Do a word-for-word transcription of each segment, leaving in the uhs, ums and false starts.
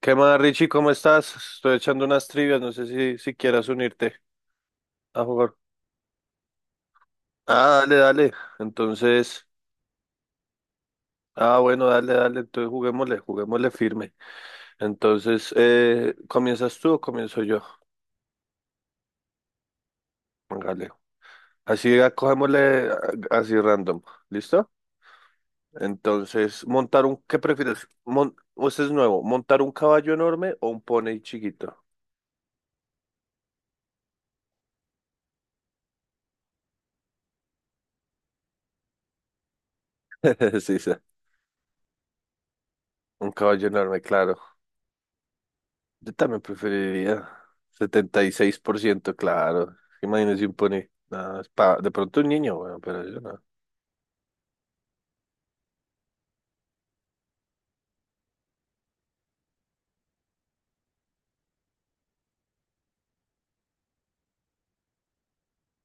¿Qué más, Richie? ¿Cómo estás? Estoy echando unas trivias, no sé si, si quieras unirte a jugar. Ah, dale, dale. Entonces, ah, bueno, dale, dale. Entonces juguémosle, juguémosle firme. Entonces, eh, ¿comienzas tú o comienzo yo? Dale. Así, ah, cogémosle ah, así random. ¿Listo? Entonces, montar un, ¿qué prefieres? Mon, este es nuevo, ¿montar un caballo enorme o un pony chiquito? Sí, sí, un caballo enorme, claro. Yo también preferiría setenta y seis por ciento claro. Imagínese un pony. No, es pa- de pronto un niño, bueno, pero yo no.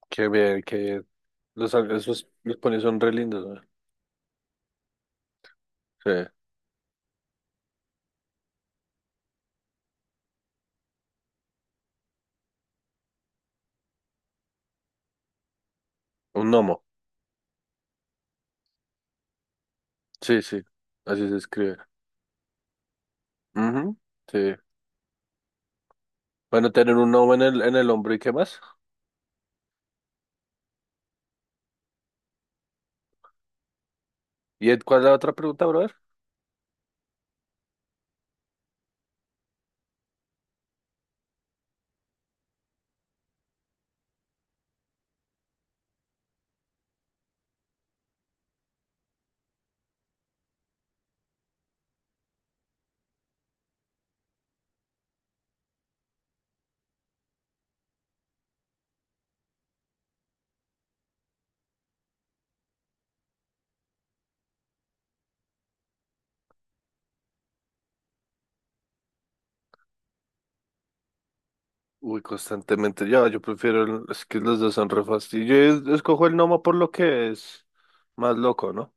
Qué bien, qué bien. Los, esos, los ponis son re lindos, weón. Sí. Un gnomo. Sí, sí. Así se escribe. Ujú, sí. Bueno, tener un gnomo en el, en el hombro y qué más. ¿Y el- cuál es la otra pregunta, brother? Uy, constantemente. Yo, yo prefiero. el- es que los dos son re fastidio. Yo es- escojo el gnomo por lo que es más loco, ¿no?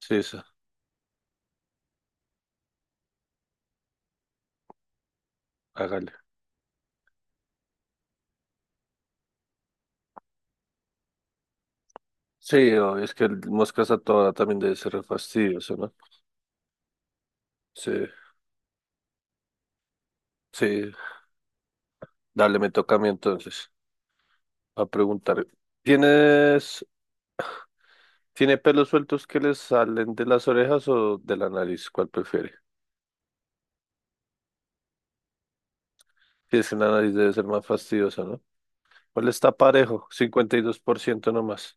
Sí, eso. Hágale. Sí, obvio, es que el moscas a toda hora también debe ser re fastidioso, ¿no? Sí, sí, dale, me toca a mí entonces a preguntar. ¿Tienes, tiene pelos sueltos que le salen de las orejas o de la nariz? ¿Cuál prefiere? Si es que la nariz debe ser más fastidiosa, ¿no? ¿Cuál está parejo? Cincuenta y dos por ciento nomás.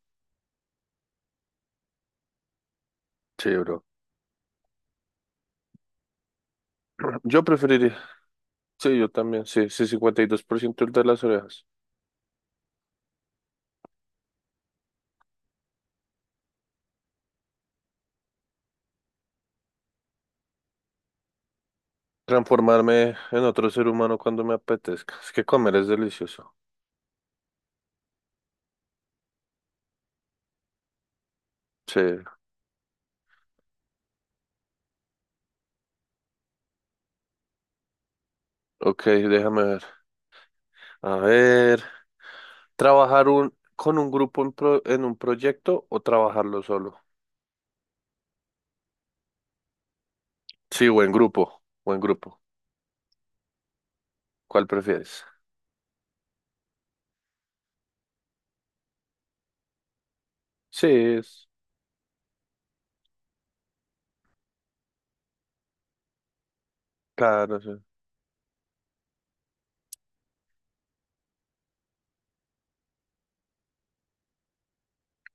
Sí, bro. Yo preferiría. Sí, yo también. Sí, sí, cincuenta y dos por ciento el de las orejas. Transformarme en otro ser humano cuando me apetezca. Es que comer es delicioso. Sí. Ok, déjame ver. A ver, trabajar un, con un grupo en, pro- en un proyecto o trabajarlo solo. Sí, o en grupo, o en grupo. ¿Cuál prefieres? Sí, es, claro, sí,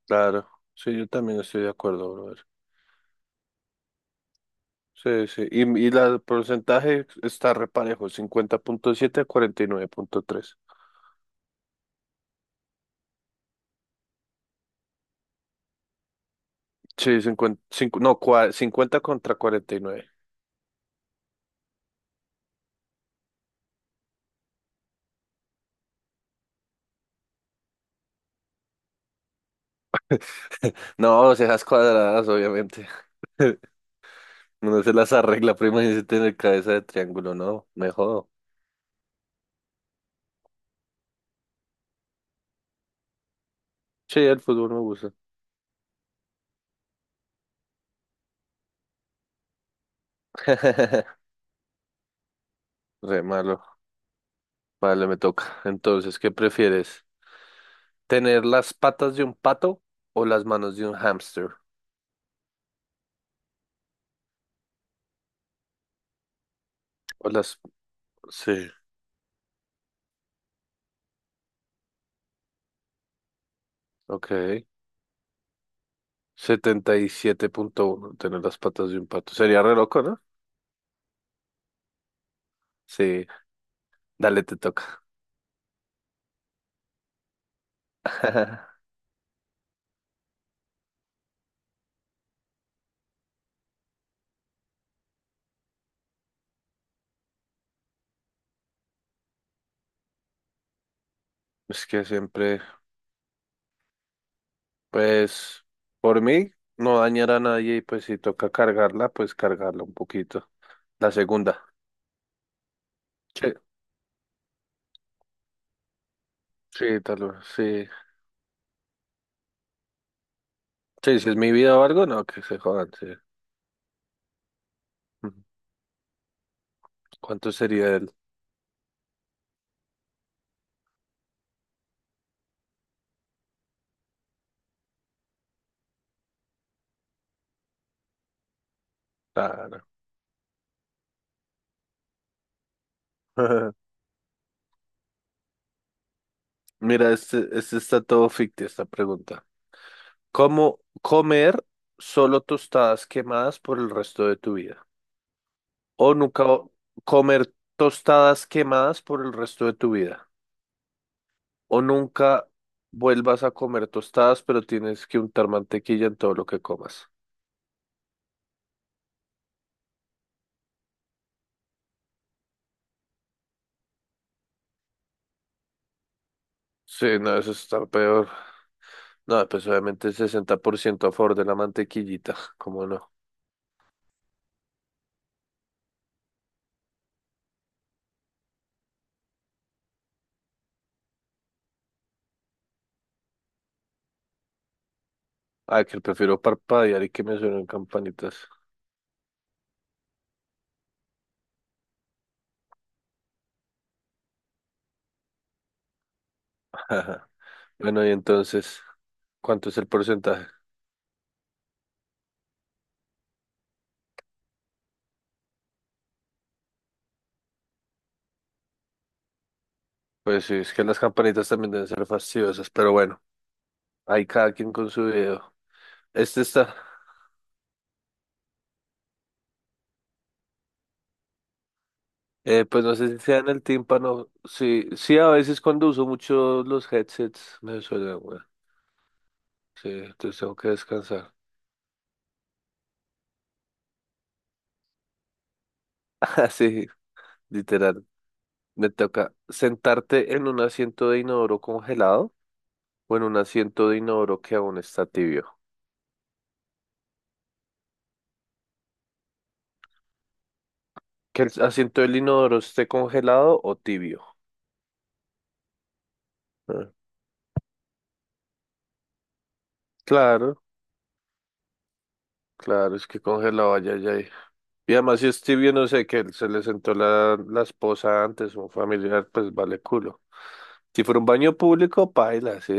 claro. Sí, yo también estoy de acuerdo, brother. Sí, sí. Y, y el porcentaje está reparejo, cincuenta punto siete a cuarenta y nueve punto tres. Sí, cincuenta, cinco, no, cua- cincuenta contra cuarenta y nueve. No, seas cuadradas, obviamente. Uno se las arregla, prima, y se tiene cabeza de triángulo, no, mejor. Sí, el fútbol me gusta. Re malo. Vale, me toca. Entonces, ¿qué prefieres? ¿Tener las patas de un pato o las manos de un hámster? O las. Sí, ok. Setenta y siete punto uno, tener las patas de un pato. Sería re loco, ¿no? Sí, dale, te toca. Es que siempre, pues, por mí, no dañar a nadie y pues si toca cargarla, pues cargarla un poquito. La segunda. Sí, sí, tal vez, sí. Sí, si es mi vida o algo, no, que se jodan, sí. Ujú. ¿Cuánto sería el? Claro. Mira, este, este está todo ficticio, esta pregunta. ¿Cómo comer solo tostadas quemadas por el resto de tu vida? ¿O nunca o- comer tostadas quemadas por el resto de tu vida? ¿O nunca vuelvas a comer tostadas, pero tienes que untar mantequilla en todo lo que comas? Sí, no, eso está peor. No, pues obviamente sesenta por ciento a favor de la mantequillita, ¿cómo no? Ay, que prefiero parpadear y que me suenen campanitas. Ajá. Bueno, y entonces, ¿cuánto es el porcentaje? Pues sí, es que las campanitas también deben ser fastidiosas, pero bueno, hay cada quien con su video. Este está, eh, pues no sé si sea en el tímpano, sí, sí, a veces cuando uso mucho los headsets me suena, weón. Sí, entonces tengo que descansar. Ah, sí, literal. Me toca sentarte en un asiento de inodoro congelado o en un asiento de inodoro que aún está tibio. Que el asiento del inodoro esté congelado o tibio. Ah, claro, claro, es que congelado allá, ya ahí. Y además, si Stevie, no sé, que él se le sentó la, la esposa antes, un familiar, pues vale culo. Si fuera un baño público, paila, sí.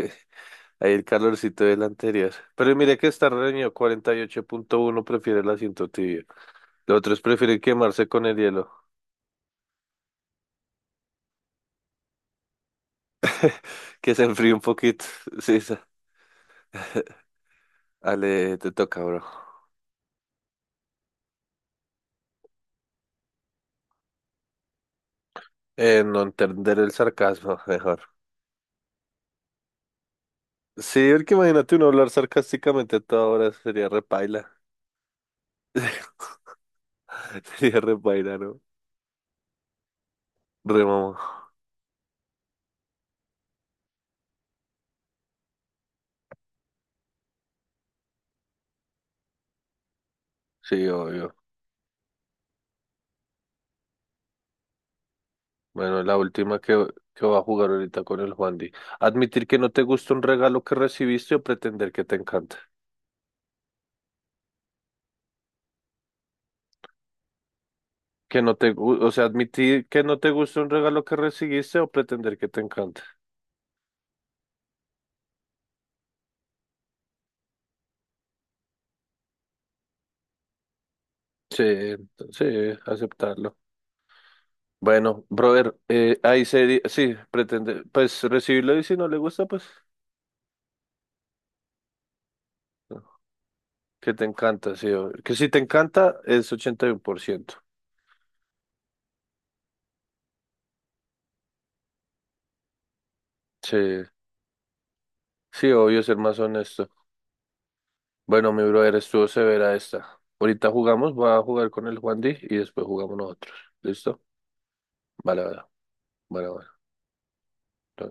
Ahí el calorcito del anterior. Pero mire que está reñido, cuarenta y ocho punto uno prefiere el asiento tibio. Los otros prefieren quemarse con el hielo, que se enfríe un poquito. Sí, esa. Ale, te toca, bro. Eh, no entender el sarcasmo, mejor. Sí, porque imagínate uno hablar sarcásticamente a toda hora, sería repaila. Sería re paila, ¿no? Re mamá. Sí, obvio. Bueno, la última que, que va a jugar ahorita con el Juan Di. Admitir que no te gusta un regalo que recibiste o pretender que te encanta. Que no te, gu- o sea, admitir que no te gusta un regalo que recibiste o pretender que te encanta. Sí, sí, aceptarlo. Bueno, brother, eh, ahí sería, sí, pretender, pues recibirlo y si no le gusta, pues no, que te encanta, sí, obvio. Que si te encanta es ochenta y uno por ciento. Sí, sí, obvio, ser más honesto. Bueno, mi brother, estuvo severa esta. Ahorita jugamos, voy a jugar con el Juan D y después jugamos nosotros. ¿Listo? Vale, vale, vale, vale.